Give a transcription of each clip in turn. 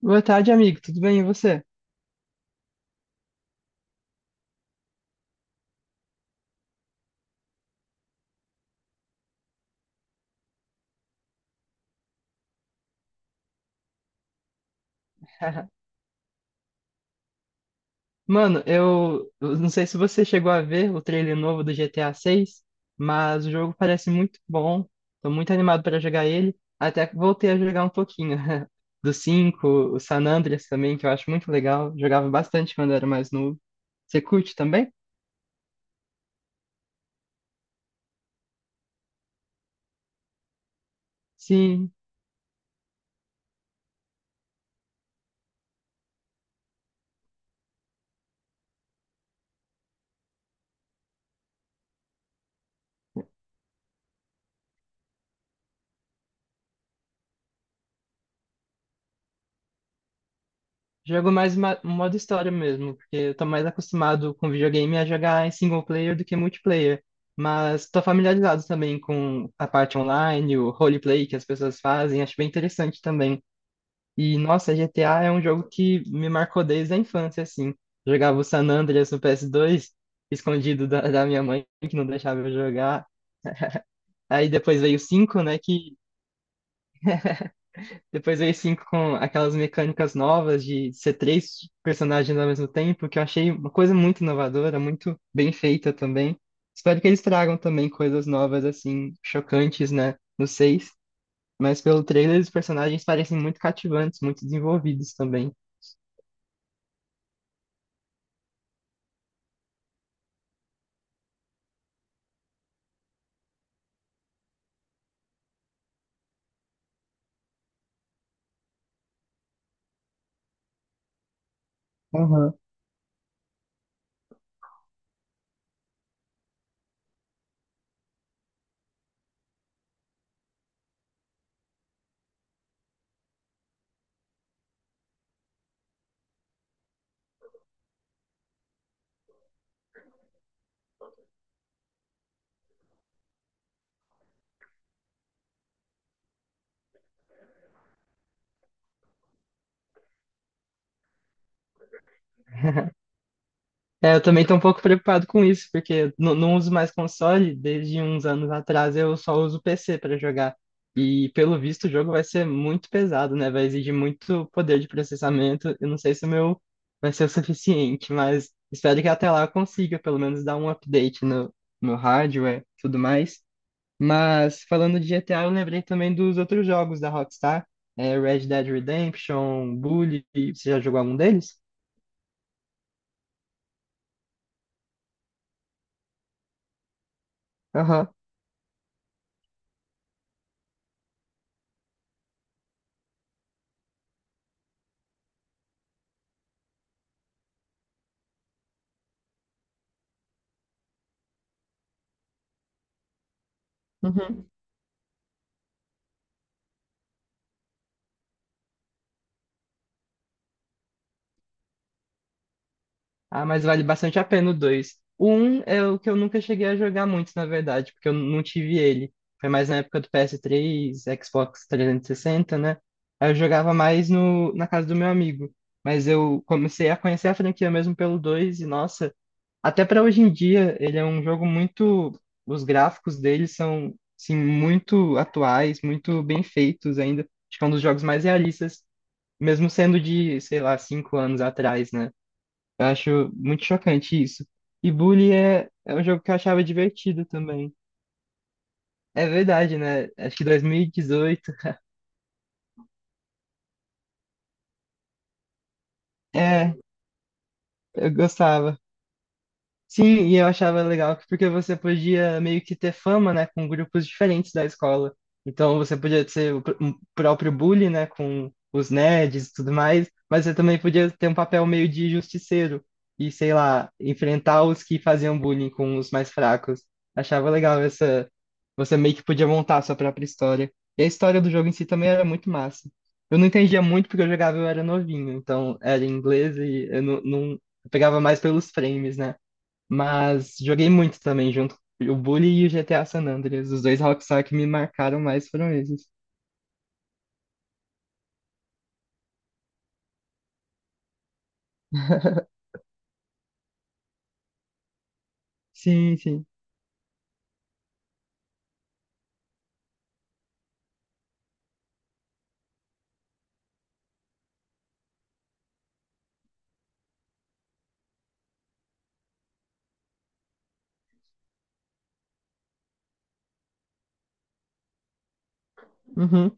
Boa tarde, amigo. Tudo bem? E você? Mano, eu não sei se você chegou a ver o trailer novo do GTA 6, mas o jogo parece muito bom. Tô muito animado para jogar ele. Até que voltei a jogar um pouquinho do 5, o San Andreas também, que eu acho muito legal. Jogava bastante quando era mais novo. Você curte também? Sim, jogo mais modo história mesmo, porque eu tô mais acostumado com videogame a jogar em single player do que multiplayer. Mas tô familiarizado também com a parte online, o roleplay que as pessoas fazem, acho bem interessante também. E, nossa, GTA é um jogo que me marcou desde a infância, assim. Jogava o San Andreas no PS2, escondido da minha mãe, que não deixava eu jogar. Aí depois veio o 5, né, que depois veio 5 com aquelas mecânicas novas de ser três personagens ao mesmo tempo, que eu achei uma coisa muito inovadora, muito bem feita também. Espero que eles tragam também coisas novas, assim, chocantes, né, no 6. Mas pelo trailer, os personagens parecem muito cativantes, muito desenvolvidos também. Aham. É, eu também tô um pouco preocupado com isso, porque eu não uso mais console, desde uns anos atrás eu só uso PC para jogar. E pelo visto o jogo vai ser muito pesado, né? Vai exigir muito poder de processamento. Eu não sei se o meu vai ser o suficiente, mas espero que até lá eu consiga pelo menos dar um update no hardware, tudo mais. Mas falando de GTA, eu lembrei também dos outros jogos da Rockstar, é, Red Dead Redemption, Bully, você já jogou algum deles? Aham. Uhum. Ah, mas vale bastante a pena o 2. O 1 é o que eu nunca cheguei a jogar muito, na verdade, porque eu não tive ele. Foi mais na época do PS3, Xbox 360, né? Aí eu jogava mais no, na casa do meu amigo. Mas eu comecei a conhecer a franquia mesmo pelo 2 e, nossa, até pra hoje em dia, ele é um jogo muito. Os gráficos dele são, assim, muito atuais, muito bem feitos ainda. Acho que é um dos jogos mais realistas, mesmo sendo de, sei lá, 5 anos atrás, né? Eu acho muito chocante isso. E Bully é um jogo que eu achava divertido também. É verdade, né? Acho que 2018. É, eu gostava. Sim, e eu achava legal porque você podia meio que ter fama, né, com grupos diferentes da escola. Então você podia ser o um próprio bully, né, com os nerds e tudo mais, mas você também podia ter um papel meio de justiceiro e, sei lá, enfrentar os que faziam bullying com os mais fracos. Achava legal essa. Você meio que podia montar a sua própria história. E a história do jogo em si também era muito massa. Eu não entendia muito porque eu jogava, eu era novinho, então era em inglês e eu não, não- eu pegava mais pelos frames, né? Mas joguei muito também junto. O Bully e o GTA San Andreas. Os dois Rockstar que me marcaram mais foram esses. Sim, sim. Uhum.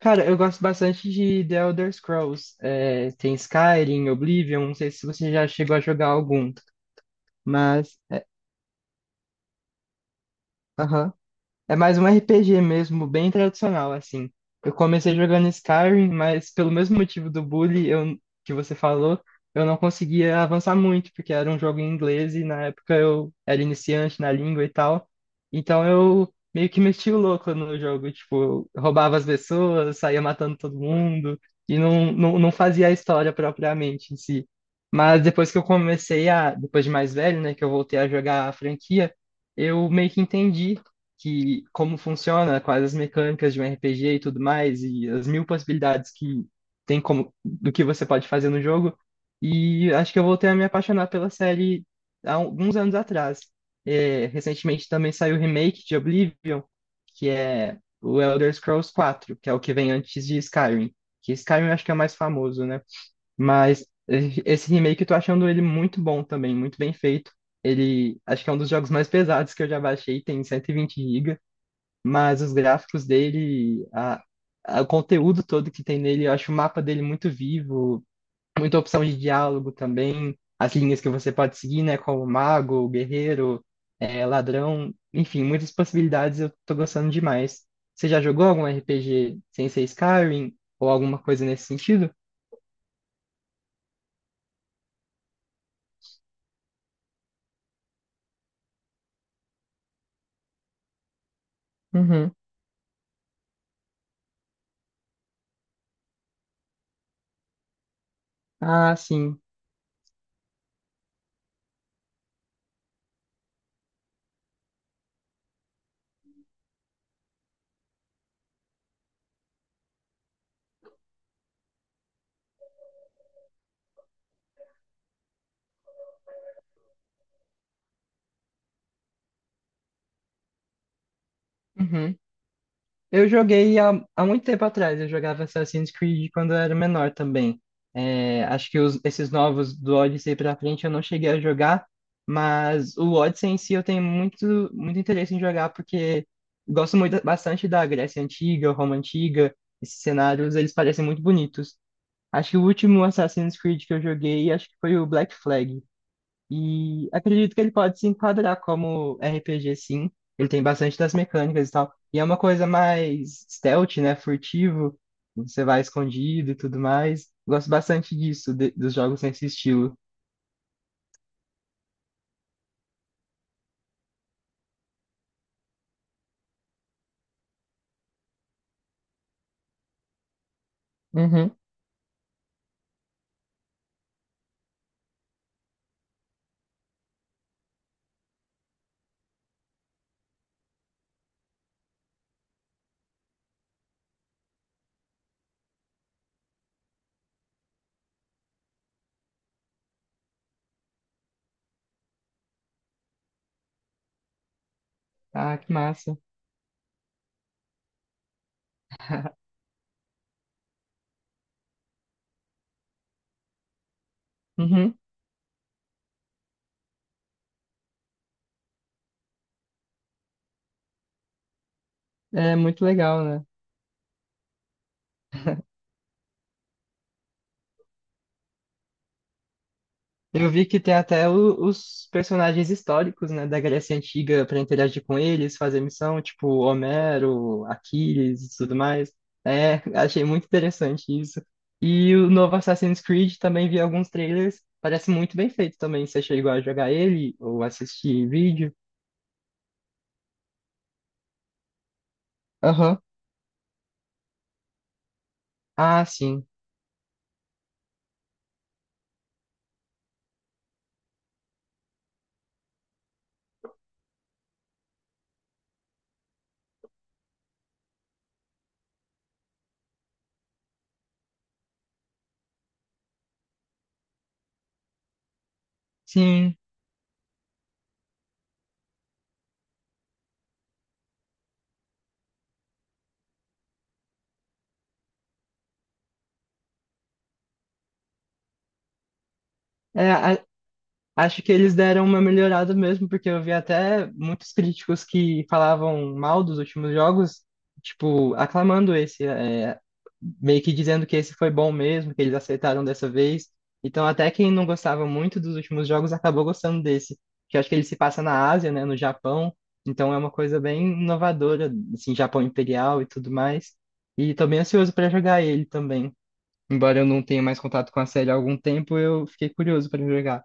Cara, eu gosto bastante de The Elder Scrolls. É, tem Skyrim, Oblivion. Não sei se você já chegou a jogar algum. Mas. Aham. É mais um RPG mesmo, bem tradicional, assim. Eu comecei jogando Skyrim, mas pelo mesmo motivo do bully eu, que você falou, eu não conseguia avançar muito, porque era um jogo em inglês e na época eu era iniciante na língua e tal. Então eu meio que meti o louco no jogo, tipo, eu roubava as pessoas, saía matando todo mundo e não fazia a história propriamente em si. Mas depois que eu comecei a, depois de mais velho, né, que eu voltei a jogar a franquia, eu meio que entendi que como funciona, quais as mecânicas de um RPG e tudo mais, e as mil possibilidades que tem como do que você pode fazer no jogo. E acho que eu voltei a me apaixonar pela série há alguns anos atrás. É, recentemente também saiu o remake de Oblivion, que é o Elder Scrolls 4, que é o que vem antes de Skyrim. Que Skyrim eu acho que é o mais famoso, né? Mas esse remake eu tô achando ele muito bom também, muito bem feito. Ele acho que é um dos jogos mais pesados que eu já baixei, tem 120 GB. Mas os gráficos dele, o conteúdo todo que tem nele, eu acho o mapa dele muito vivo, muita opção de diálogo também, as linhas que você pode seguir, né, como mago, guerreiro, ladrão, enfim, muitas possibilidades eu tô gostando demais. Você já jogou algum RPG sem ser Skyrim ou alguma coisa nesse sentido? Uhum. Ah, sim. Uhum. Eu joguei há muito tempo atrás, eu jogava Assassin's Creed quando eu era menor também. É, acho que esses novos do Odyssey pra frente eu não cheguei a jogar, mas o Odyssey em si eu tenho muito, muito interesse em jogar porque gosto muito, bastante da Grécia Antiga, Roma Antiga, esses cenários, eles parecem muito bonitos. Acho que o último Assassin's Creed que eu joguei, acho que foi o Black Flag. E acredito que ele pode se enquadrar como RPG, sim. Ele tem bastante das mecânicas e tal. E é uma coisa mais stealth, né? Furtivo. Você vai escondido e tudo mais. Gosto bastante disso, dos jogos nesse estilo. Uhum. Ah, que massa. Uhum. É muito legal, né? Eu vi que tem até os personagens históricos, né, da Grécia Antiga para interagir com eles, fazer missão, tipo Homero, Aquiles e tudo mais. É, achei muito interessante isso. E o novo Assassin's Creed também vi alguns trailers, parece muito bem feito também. Você chegou a jogar ele ou assistir vídeo? Aham. Ah, sim. Sim. É, a- Acho que eles deram uma melhorada mesmo, porque eu vi até muitos críticos que falavam mal dos últimos jogos, tipo, aclamando esse, é, meio que dizendo que esse foi bom mesmo, que eles aceitaram dessa vez. Então, até quem não gostava muito dos últimos jogos acabou gostando desse, que eu acho que ele se passa na Ásia, né, no Japão. Então, é uma coisa bem inovadora, assim, Japão Imperial e tudo mais. E tô bem ansioso para jogar ele também. Embora eu não tenha mais contato com a série há algum tempo, eu fiquei curioso para jogar.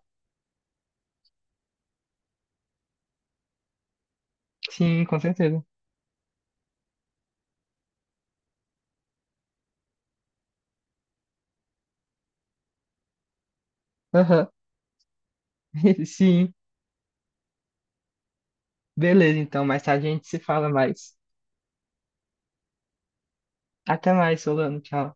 Sim, com certeza. Aham. Sim. Beleza, então, mais tarde a gente se fala mais. Até mais, Solano. Tchau.